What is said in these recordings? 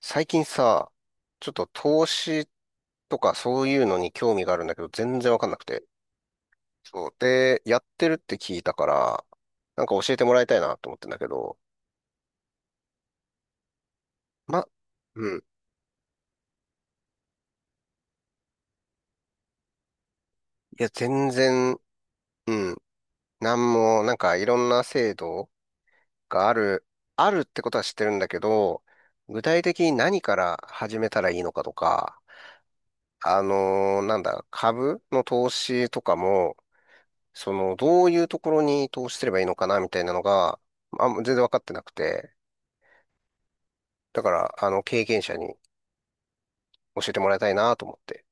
最近さ、ちょっと投資とかそういうのに興味があるんだけど、全然わかんなくて。そう。で、やってるって聞いたから、なんか教えてもらいたいなと思ってんだけど、ま、うん。いや、全然、うん。なんも、なんかいろんな制度がある、あるってことは知ってるんだけど、具体的に何から始めたらいいのかとか、あのーなんだ、株の投資とかも、その、どういうところに投資すればいいのかな、みたいなのが、あん、全然分かってなくて、だから、あの、経験者に教えてもらいたいなと思って。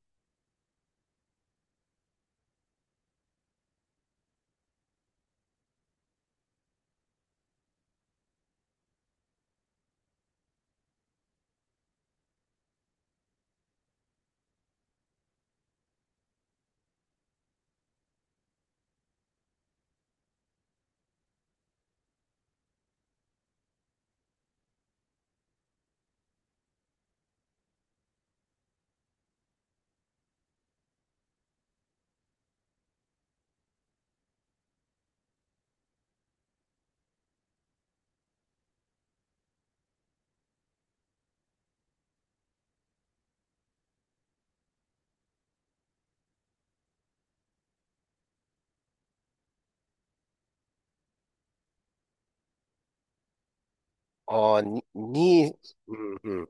ああ、に、に、うんうん。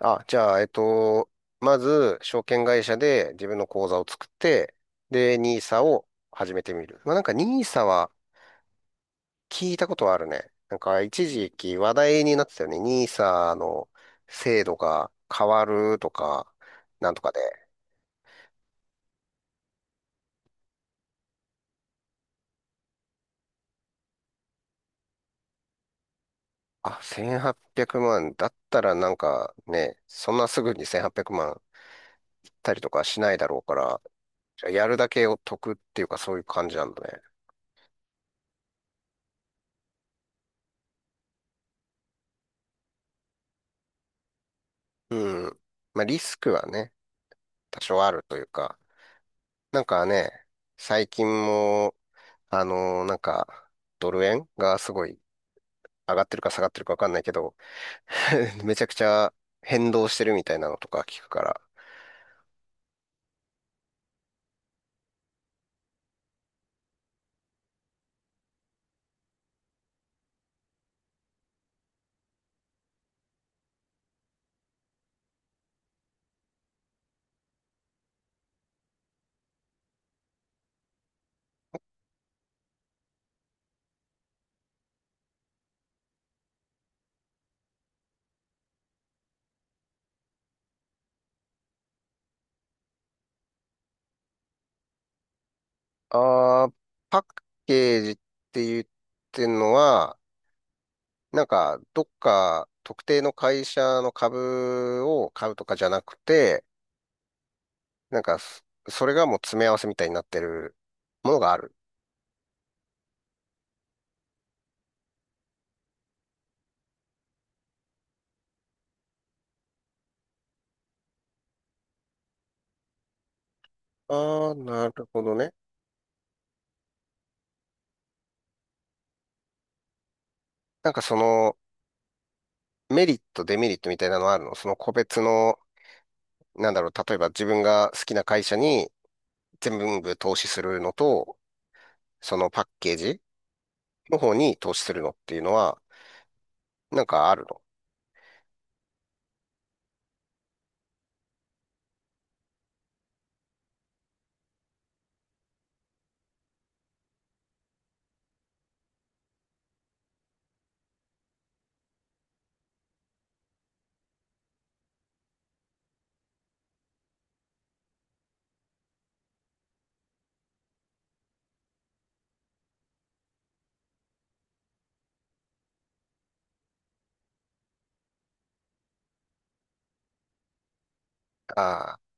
あ、じゃあ、まず、証券会社で自分の口座を作って、で、ニーサを始めてみる。まあ、なんかニーサは聞いたことはあるね。なんか、一時期話題になってたよね。ニーサの制度が変わるとか、なんとかで。あ、1800万。だったらなんかね、そんなすぐに1800万っぴゃくまん売ったりとかしないだろうから、じゃあやるだけを得っていうかそういう感じなんだね。うん。まあリスクはね、多少あるというか、なんかね、最近も、あのーなんか、ドル円がすごい上がってるか下がってるかわかんないけど、めちゃくちゃ変動してるみたいなのとか聞くから。あー、パッケージって言ってんのは、なんか、どっか特定の会社の株を買うとかじゃなくて、なんかそ、それがもう詰め合わせみたいになってるものがある。ああ、なるほどね。なんかその、メリット、デメリットみたいなのはあるの、その個別の、なんだろう、例えば自分が好きな会社に全部投資するのと、そのパッケージの方に投資するのっていうのは、なんかあるの？ああー、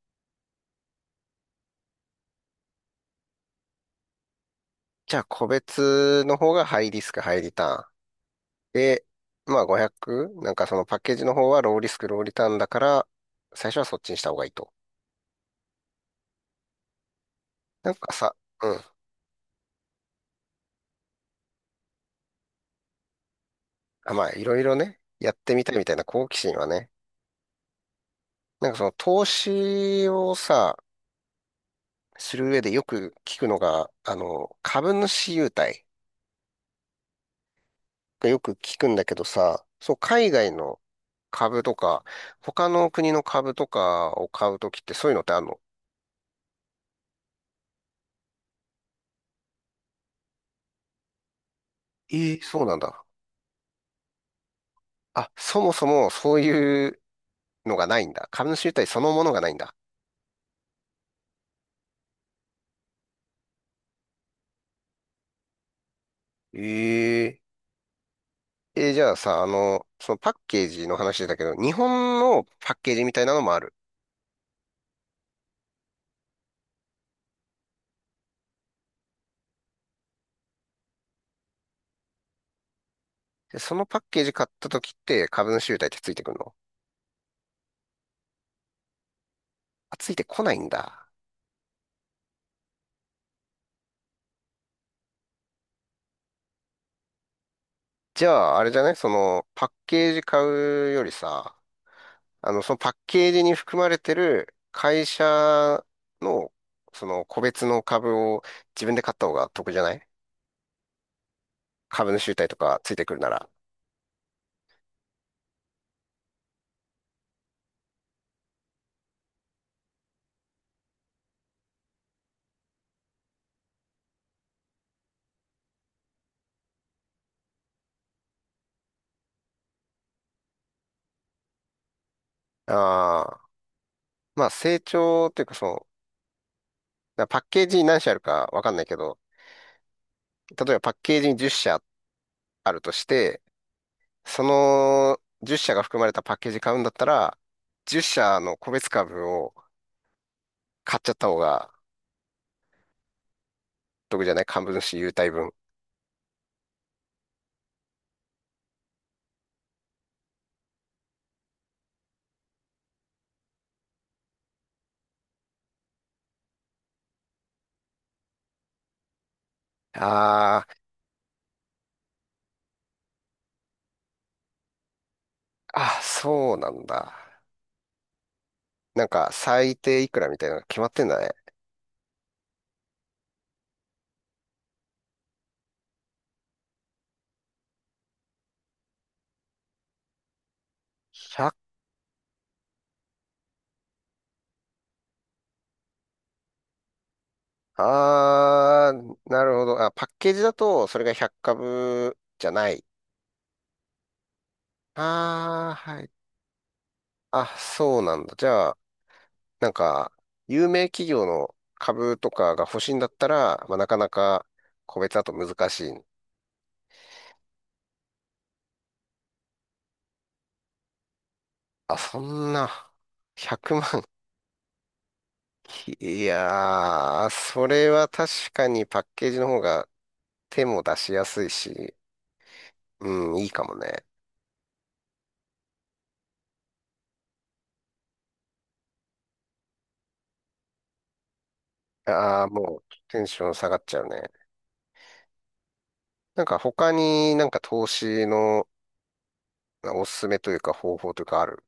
じゃあ個別の方がハイリスク、ハイリターン。で、まあ 500？ なんかそのパッケージの方はローリスク、ローリターンだから、最初はそっちにした方がいいと。なんかさ、うん。あ、まあいろいろね、やってみたいみたいな好奇心はね、なんかその投資をさ、する上でよく聞くのが、あの、株主優待がよく聞くんだけどさ、そう、海外の株とか、他の国の株とかを買うときってそういうのってあるの？えー、そうなんだ。あ、そもそもそういうのがないんだ。株主優待そのものがないんだ。えええ、じゃあさ、あの、そのパッケージの話だけど、日本のパッケージみたいなのもある。で、そのパッケージ買った時って株主優待ってついてくるの？あ、ついてこないんだ。じゃあ、あれじゃない、その、パッケージ買うよりさ、あの、そのパッケージに含まれてる会社の、その個別の株を自分で買った方が得じゃない、株主優待とかついてくるなら。ああ、まあ成長っていうかそう、だからパッケージに何社あるかわかんないけど、例えばパッケージに10社あるとして、その10社が含まれたパッケージ買うんだったら、10社の個別株を買っちゃった方が得じゃない、株主優待分。ああ、そうなんだ。なんか、最低いくらみたいなのが決まってんだね。100、あー、なるほど。あ、パッケージだと、それが100株じゃない。あー、はい。あ、そうなんだ。じゃあ、なんか、有名企業の株とかが欲しいんだったら、まあ、なかなか個別だと難しい。あ、そんな、100万。いやー、それは確かにパッケージの方が手も出しやすいし、うん、いいかもね。ああ、もうテンション下がっちゃうね。なんか他になんか投資のおすすめというか方法というかある？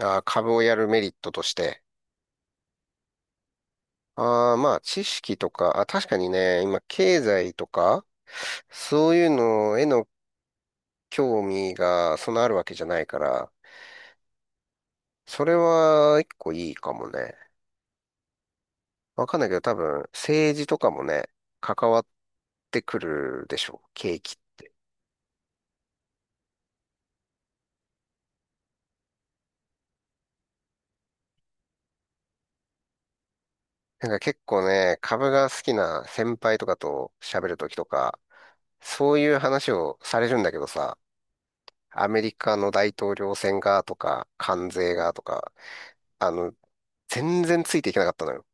あー、株をやるメリットとして。ああ、まあ知識とか、あ、確かにね、今経済とか、そういうのへの興味がそんなあるわけじゃないから、それは一個いいかもね。わかんないけど多分政治とかもね、関わってくるでしょう。景気っ、なんか結構ね、株が好きな先輩とかと喋るときとか、そういう話をされるんだけどさ、アメリカの大統領選がとか、関税がとか、あの、全然ついていけなかったのよ。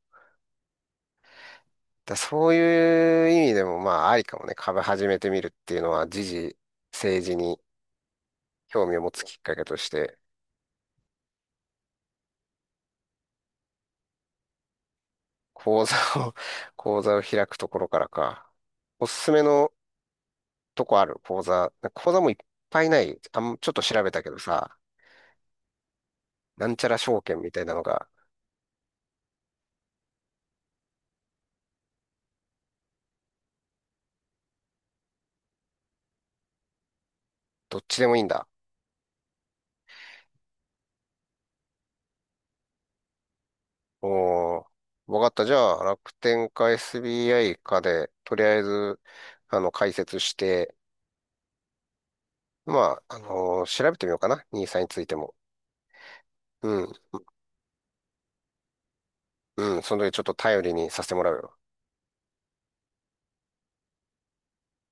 だそういう意味でもまあありかもね、株始めてみるっていうのは、時事、政治に興味を持つきっかけとして、口座を、口座を開くところからか。おすすめのとこある？口座、口座もいっぱいない。あん、ちょっと調べたけどさ、なんちゃら証券みたいなのが、どっちでもいいんだ。おー、わかった。じゃあ、楽天か SBI かで、とりあえず、あの、解説して、まあ、調べてみようかな。兄さんについても。うん、うん、その時ちょっと頼りにさせてもらうよ。